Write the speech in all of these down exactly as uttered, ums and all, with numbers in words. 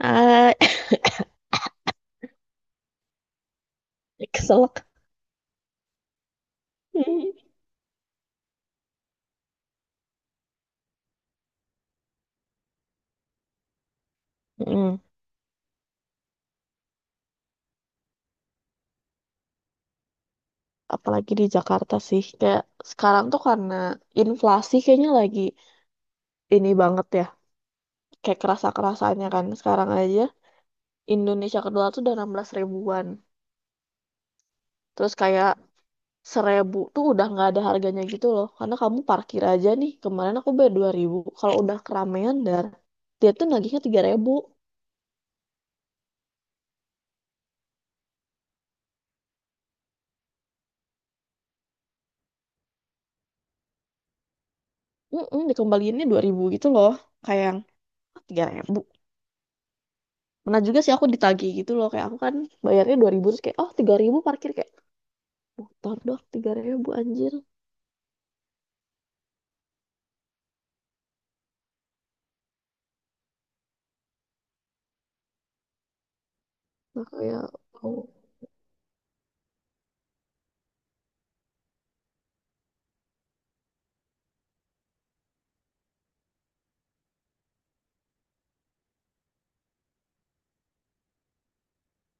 Ah, keselak. Mm. Apalagi di Jakarta sih, kayak sekarang tuh karena inflasi kayaknya lagi ini banget ya, kayak kerasa-kerasanya kan. Sekarang aja Indonesia kedua tuh udah enam belas ribuan. Terus kayak seribu tuh udah nggak ada harganya gitu loh. Karena kamu parkir aja nih, kemarin aku bayar dua ribu. Kalau udah keramaian dar, dia tuh nagihnya tiga ribu. Mm-mm, dikembaliinnya dua ribu gitu loh. Kayak yang, "Ah, tiga ribu." Pernah juga sih aku ditagih gitu loh, kayak aku kan bayarnya dua ribu, terus kayak oh tiga ribu parkir, kayak motor dong tiga ribu anjir. Nah kayak oh,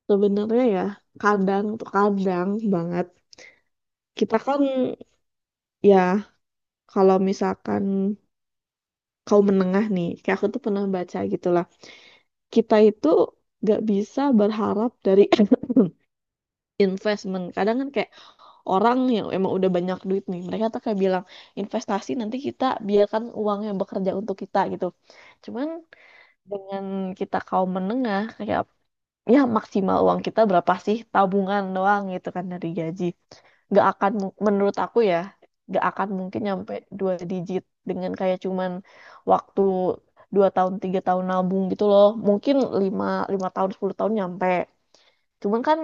sebenarnya ya kadang tuh kadang banget kita kan, ya kalau misalkan kaum menengah nih, kayak aku tuh pernah baca gitu lah, kita itu gak bisa berharap dari investment. Kadang kan kayak orang yang emang udah banyak duit nih, mereka tuh kayak bilang investasi nanti kita biarkan uangnya bekerja untuk kita gitu. Cuman dengan kita kaum menengah, kayak ya maksimal uang kita berapa sih, tabungan doang gitu kan dari gaji, gak akan mu- menurut aku ya gak akan mungkin nyampe dua digit dengan kayak cuman waktu dua tahun tiga tahun nabung gitu loh, mungkin lima, lima tahun, sepuluh tahun nyampe. Cuman kan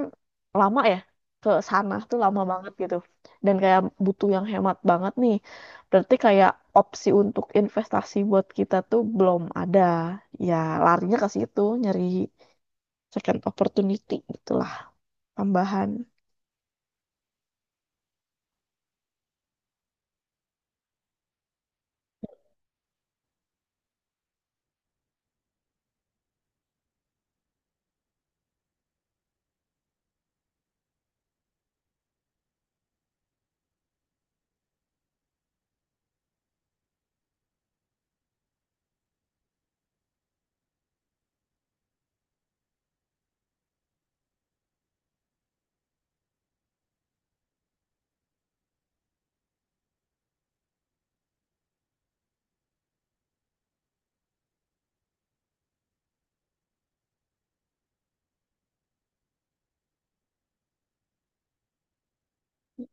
lama ya, ke sana tuh lama banget gitu. Dan kayak butuh yang hemat banget nih. Berarti kayak opsi untuk investasi buat kita tuh belum ada. Ya, larinya ke situ, nyari second opportunity gitulah, tambahan.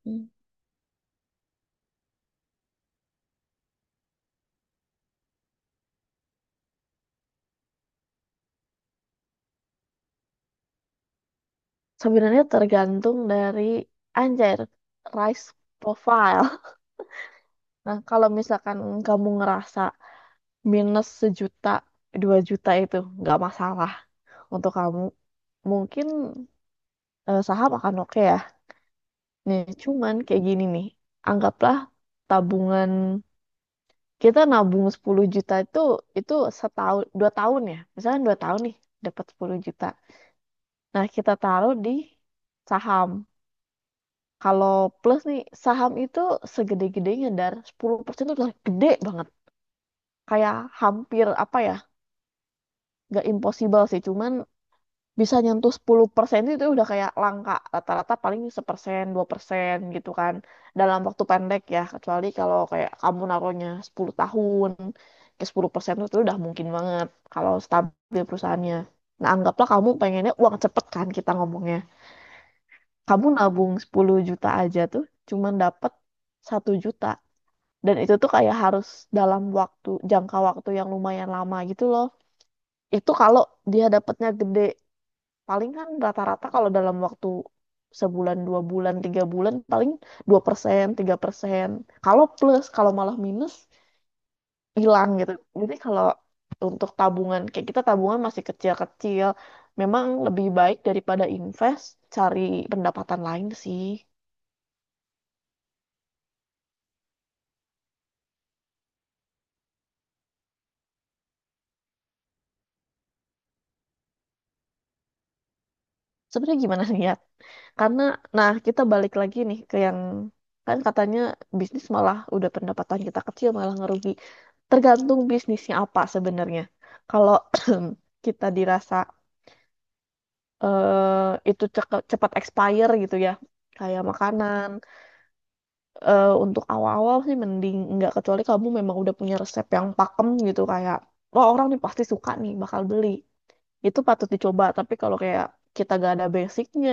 Mm. Sebenarnya tergantung dari, anjir, risk profile. Nah, kalau misalkan kamu ngerasa minus sejuta, dua juta itu nggak masalah untuk kamu. Mungkin eh, saham akan oke ya. Nih, cuman kayak gini nih. Anggaplah tabungan kita nabung sepuluh juta, itu itu setahun dua tahun ya. Misalnya dua tahun nih dapat sepuluh juta. Nah, kita taruh di saham. Kalau plus nih saham itu segede-gedenya, dar, sepuluh persen itu udah gede banget. Kayak hampir apa ya? Gak impossible sih, cuman bisa nyentuh sepuluh persen itu udah kayak langka, rata-rata paling satu persen, dua persen gitu kan, dalam waktu pendek ya, kecuali kalau kayak kamu naruhnya sepuluh tahun, ke sepuluh persen itu udah mungkin banget kalau stabil perusahaannya. Nah, anggaplah kamu pengennya uang cepet kan, kita ngomongnya kamu nabung sepuluh juta aja tuh cuman dapet satu juta, dan itu tuh kayak harus dalam waktu jangka waktu yang lumayan lama gitu loh, itu kalau dia dapetnya gede. Paling kan rata-rata kalau dalam waktu sebulan, dua bulan, tiga bulan, paling dua persen tiga persen. Kalau plus. Kalau malah minus, hilang gitu. Jadi kalau untuk tabungan, kayak kita tabungan masih kecil-kecil, memang lebih baik daripada invest, cari pendapatan lain sih. Sebenarnya gimana nih ya? Karena, nah kita balik lagi nih ke yang kan katanya bisnis malah udah pendapatan kita kecil malah ngerugi. Tergantung bisnisnya apa sebenarnya. Kalau kita dirasa eh, itu cek- cepat expire gitu ya, kayak makanan. Eh, untuk awal-awal sih mending nggak, kecuali kamu memang udah punya resep yang pakem gitu, kayak, wah orang nih pasti suka nih bakal beli, itu patut dicoba. Tapi kalau kayak kita gak ada basicnya,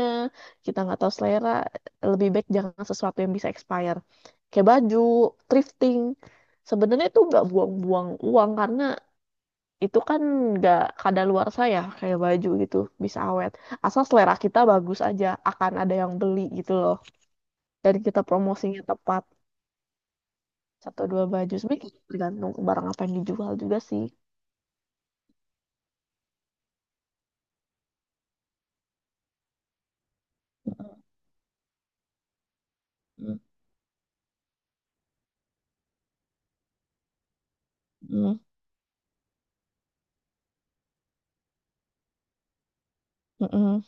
kita nggak tahu selera, lebih baik jangan sesuatu yang bisa expire. Kayak baju thrifting, sebenarnya itu nggak buang-buang uang karena itu kan nggak kadaluarsa ya, kayak baju gitu bisa awet, asal selera kita bagus aja akan ada yang beli gitu loh, dan kita promosinya tepat. Satu dua baju, sebenarnya tergantung barang apa yang dijual juga sih. Mm, mm, mm,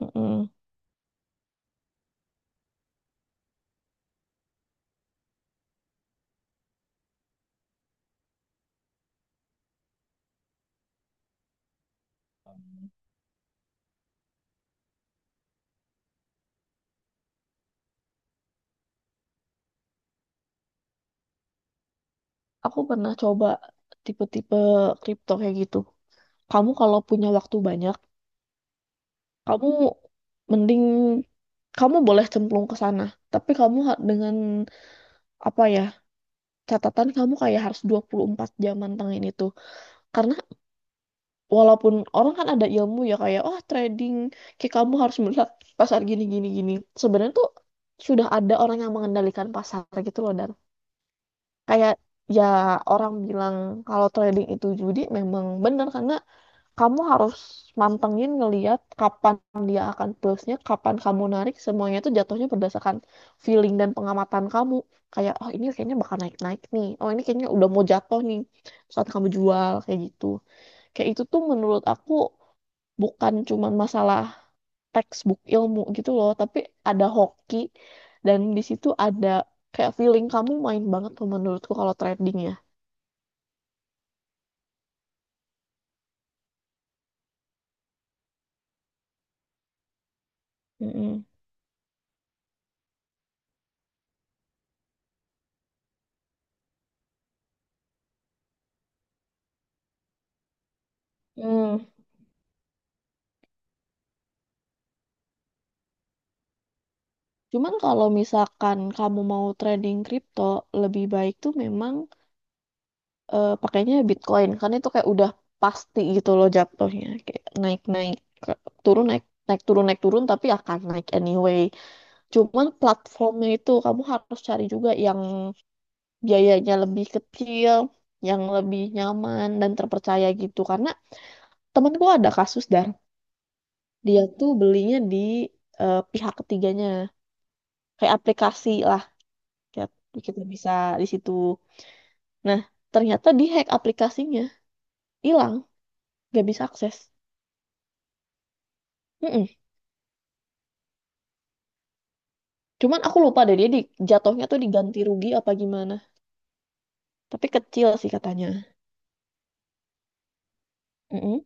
mm, mm. Aku pernah coba tipe-tipe kripto kayak gitu. Kamu kalau punya waktu banyak, kamu mending kamu boleh cemplung ke sana. Tapi kamu ha- dengan apa ya? Catatan kamu kayak harus dua puluh empat jam mantengin itu. Karena walaupun orang kan ada ilmu ya, kayak oh trading, kayak kamu harus melihat pasar gini gini gini. Sebenarnya tuh sudah ada orang yang mengendalikan pasar gitu loh, dan kayak, ya, orang bilang kalau trading itu judi memang benar, karena kamu harus mantengin ngeliat kapan dia akan plusnya, kapan kamu narik, semuanya itu jatuhnya berdasarkan feeling dan pengamatan kamu. Kayak, oh ini kayaknya bakal naik-naik nih, oh ini kayaknya udah mau jatuh nih, saat kamu jual, kayak gitu. Kayak itu tuh menurut aku bukan cuman masalah textbook ilmu gitu loh, tapi ada hoki, dan di situ ada kayak feeling kamu main banget tuh menurutku kalau trading ya. Mm-mm. Hmm. Cuman kalau misalkan kamu mau trading kripto, lebih baik tuh memang eh, pakainya Bitcoin. Karena itu kayak udah pasti gitu loh jatuhnya. Kayak naik-naik, ke- turun, naik naik turun, naik turun, tapi akan naik anyway. Cuman platformnya itu kamu harus cari juga yang biayanya lebih kecil, yang lebih nyaman dan terpercaya gitu. Karena temanku ada kasus, dan dia tuh belinya di eh, pihak ketiganya, kayak aplikasi lah. Kayak kita bisa di situ. Nah, ternyata di-hack aplikasinya. Hilang, gak bisa akses. Mm-mm. Cuman aku lupa deh dia di, jatuhnya tuh diganti rugi apa gimana. Tapi kecil sih katanya. Mm-mm.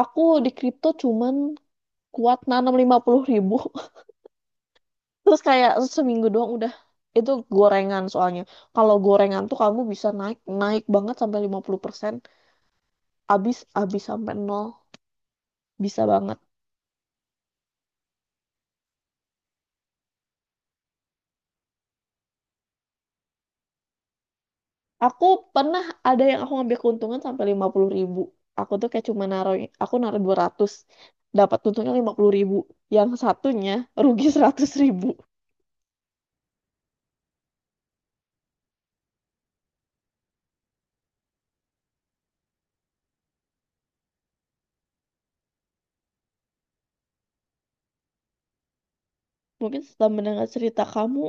Aku di kripto cuman kuat nanam lima puluh ribu. Terus kayak seminggu doang udah. Itu gorengan soalnya. Kalau gorengan tuh kamu bisa naik naik banget sampai lima puluh persen. Abis, abis sampai nol. Bisa banget. Aku pernah ada yang aku ngambil keuntungan sampai lima puluh ribu. Aku tuh kayak cuma naruh, aku naruh dua ratus. Dapat untungnya lima puluh ribu. Yang satunya rugi seratus ribu. Mungkin setelah mendengar cerita kamu,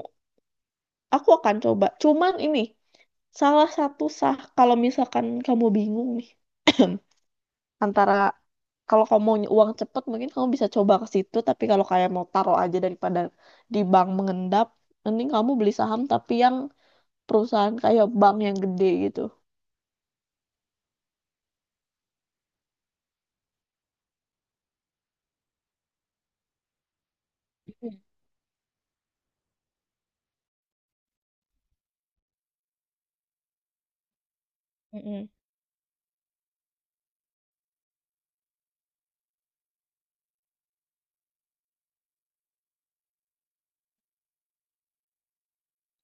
aku akan coba. Cuman ini, salah satu sah kalau misalkan kamu bingung nih. Antara, kalau kamu mau uang cepet mungkin kamu bisa coba ke situ. Tapi kalau kayak mau taruh aja daripada di bank mengendap, mending kamu beli saham tapi yang perusahaan kayak bank yang gede gitu. Mhm.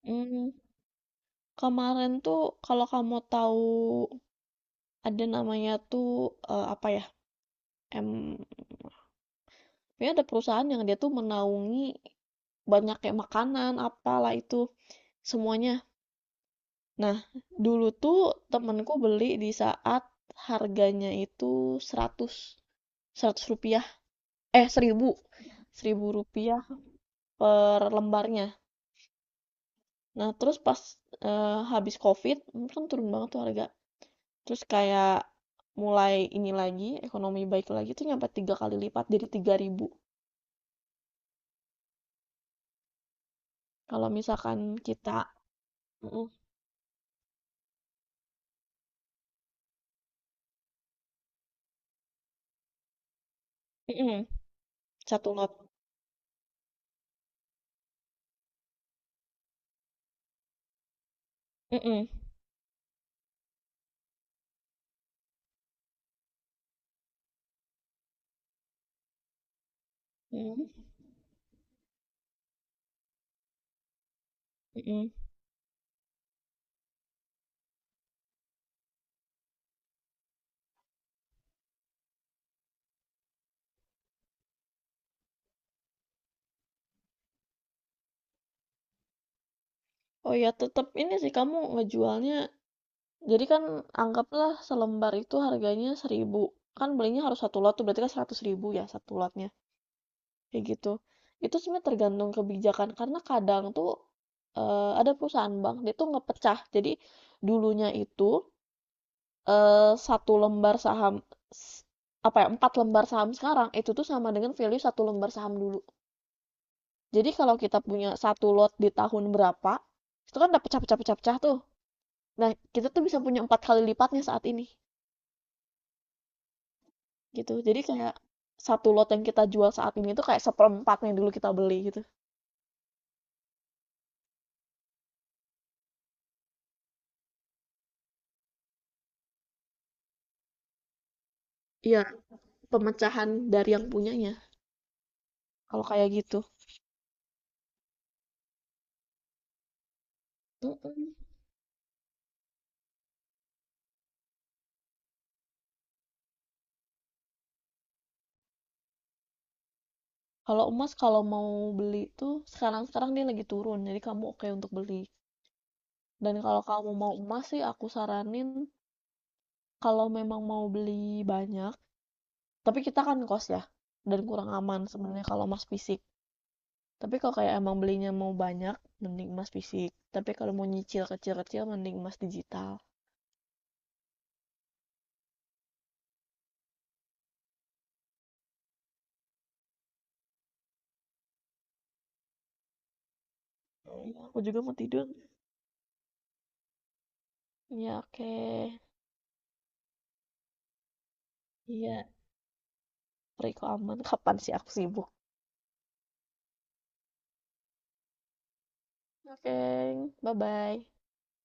Mmm, kemarin tuh kalau kamu tahu ada namanya tuh, eee, apa ya, mmm, pokoknya ada perusahaan yang dia tuh menaungi banyak, kayak makanan, apalah itu, semuanya. Nah, dulu tuh, mhm, temenku beli di saat harganya itu seratus, seratus rupiah, eh, seribu, seribu rupiah per lembarnya. Nah, terus pas, eee, habis Covid, hmm, kan turun banget tuh harga. Terus kayak mulai ini lagi, ekonomi baik lagi tuh nyampe tiga kali lipat, jadi tiga ribu. Kalau misalkan kita. Mm-mm. Mm-mm. Satu lot. Mm-mm. Mm-mm. Mm-mm. Oh ya, tetap ini sih kamu ngejualnya. Jadi kan anggaplah selembar itu harganya seribu. Kan belinya harus satu lot, tuh berarti kan seratus ribu ya satu lotnya. Kayak gitu. Itu sebenarnya tergantung kebijakan karena kadang tuh eh, ada perusahaan bank dia tuh ngepecah. Jadi dulunya itu eee, satu lembar saham apa ya, empat lembar saham sekarang, itu tuh sama dengan value satu lembar saham dulu. Jadi kalau kita punya satu lot di tahun berapa, itu kan udah pecah pecah pecah tuh. Nah, kita tuh bisa punya empat kali lipatnya saat ini, gitu. Jadi kayak satu lot yang kita jual saat ini itu kayak seperempatnya dulu kita beli, gitu. Iya, pemecahan dari yang punyanya, kalau kayak gitu. Mhm. Kalau emas, kalau mau beli tuh sekarang-sekarang dia lagi turun, jadi kamu oke untuk beli. Dan kalau kamu mau emas sih aku saranin, kalau memang mau beli banyak, tapi kita kan kos ya, dan kurang aman sebenarnya kalau emas fisik. Tapi kalau kayak emang belinya mau banyak, mending emas fisik. Tapi kalau mau nyicil kecil-kecil, mending emas digital. Iya, aku juga mau tidur. Iya, oke. Iya, Riko aman. Kapan sih aku sibuk? Oke, bye-bye.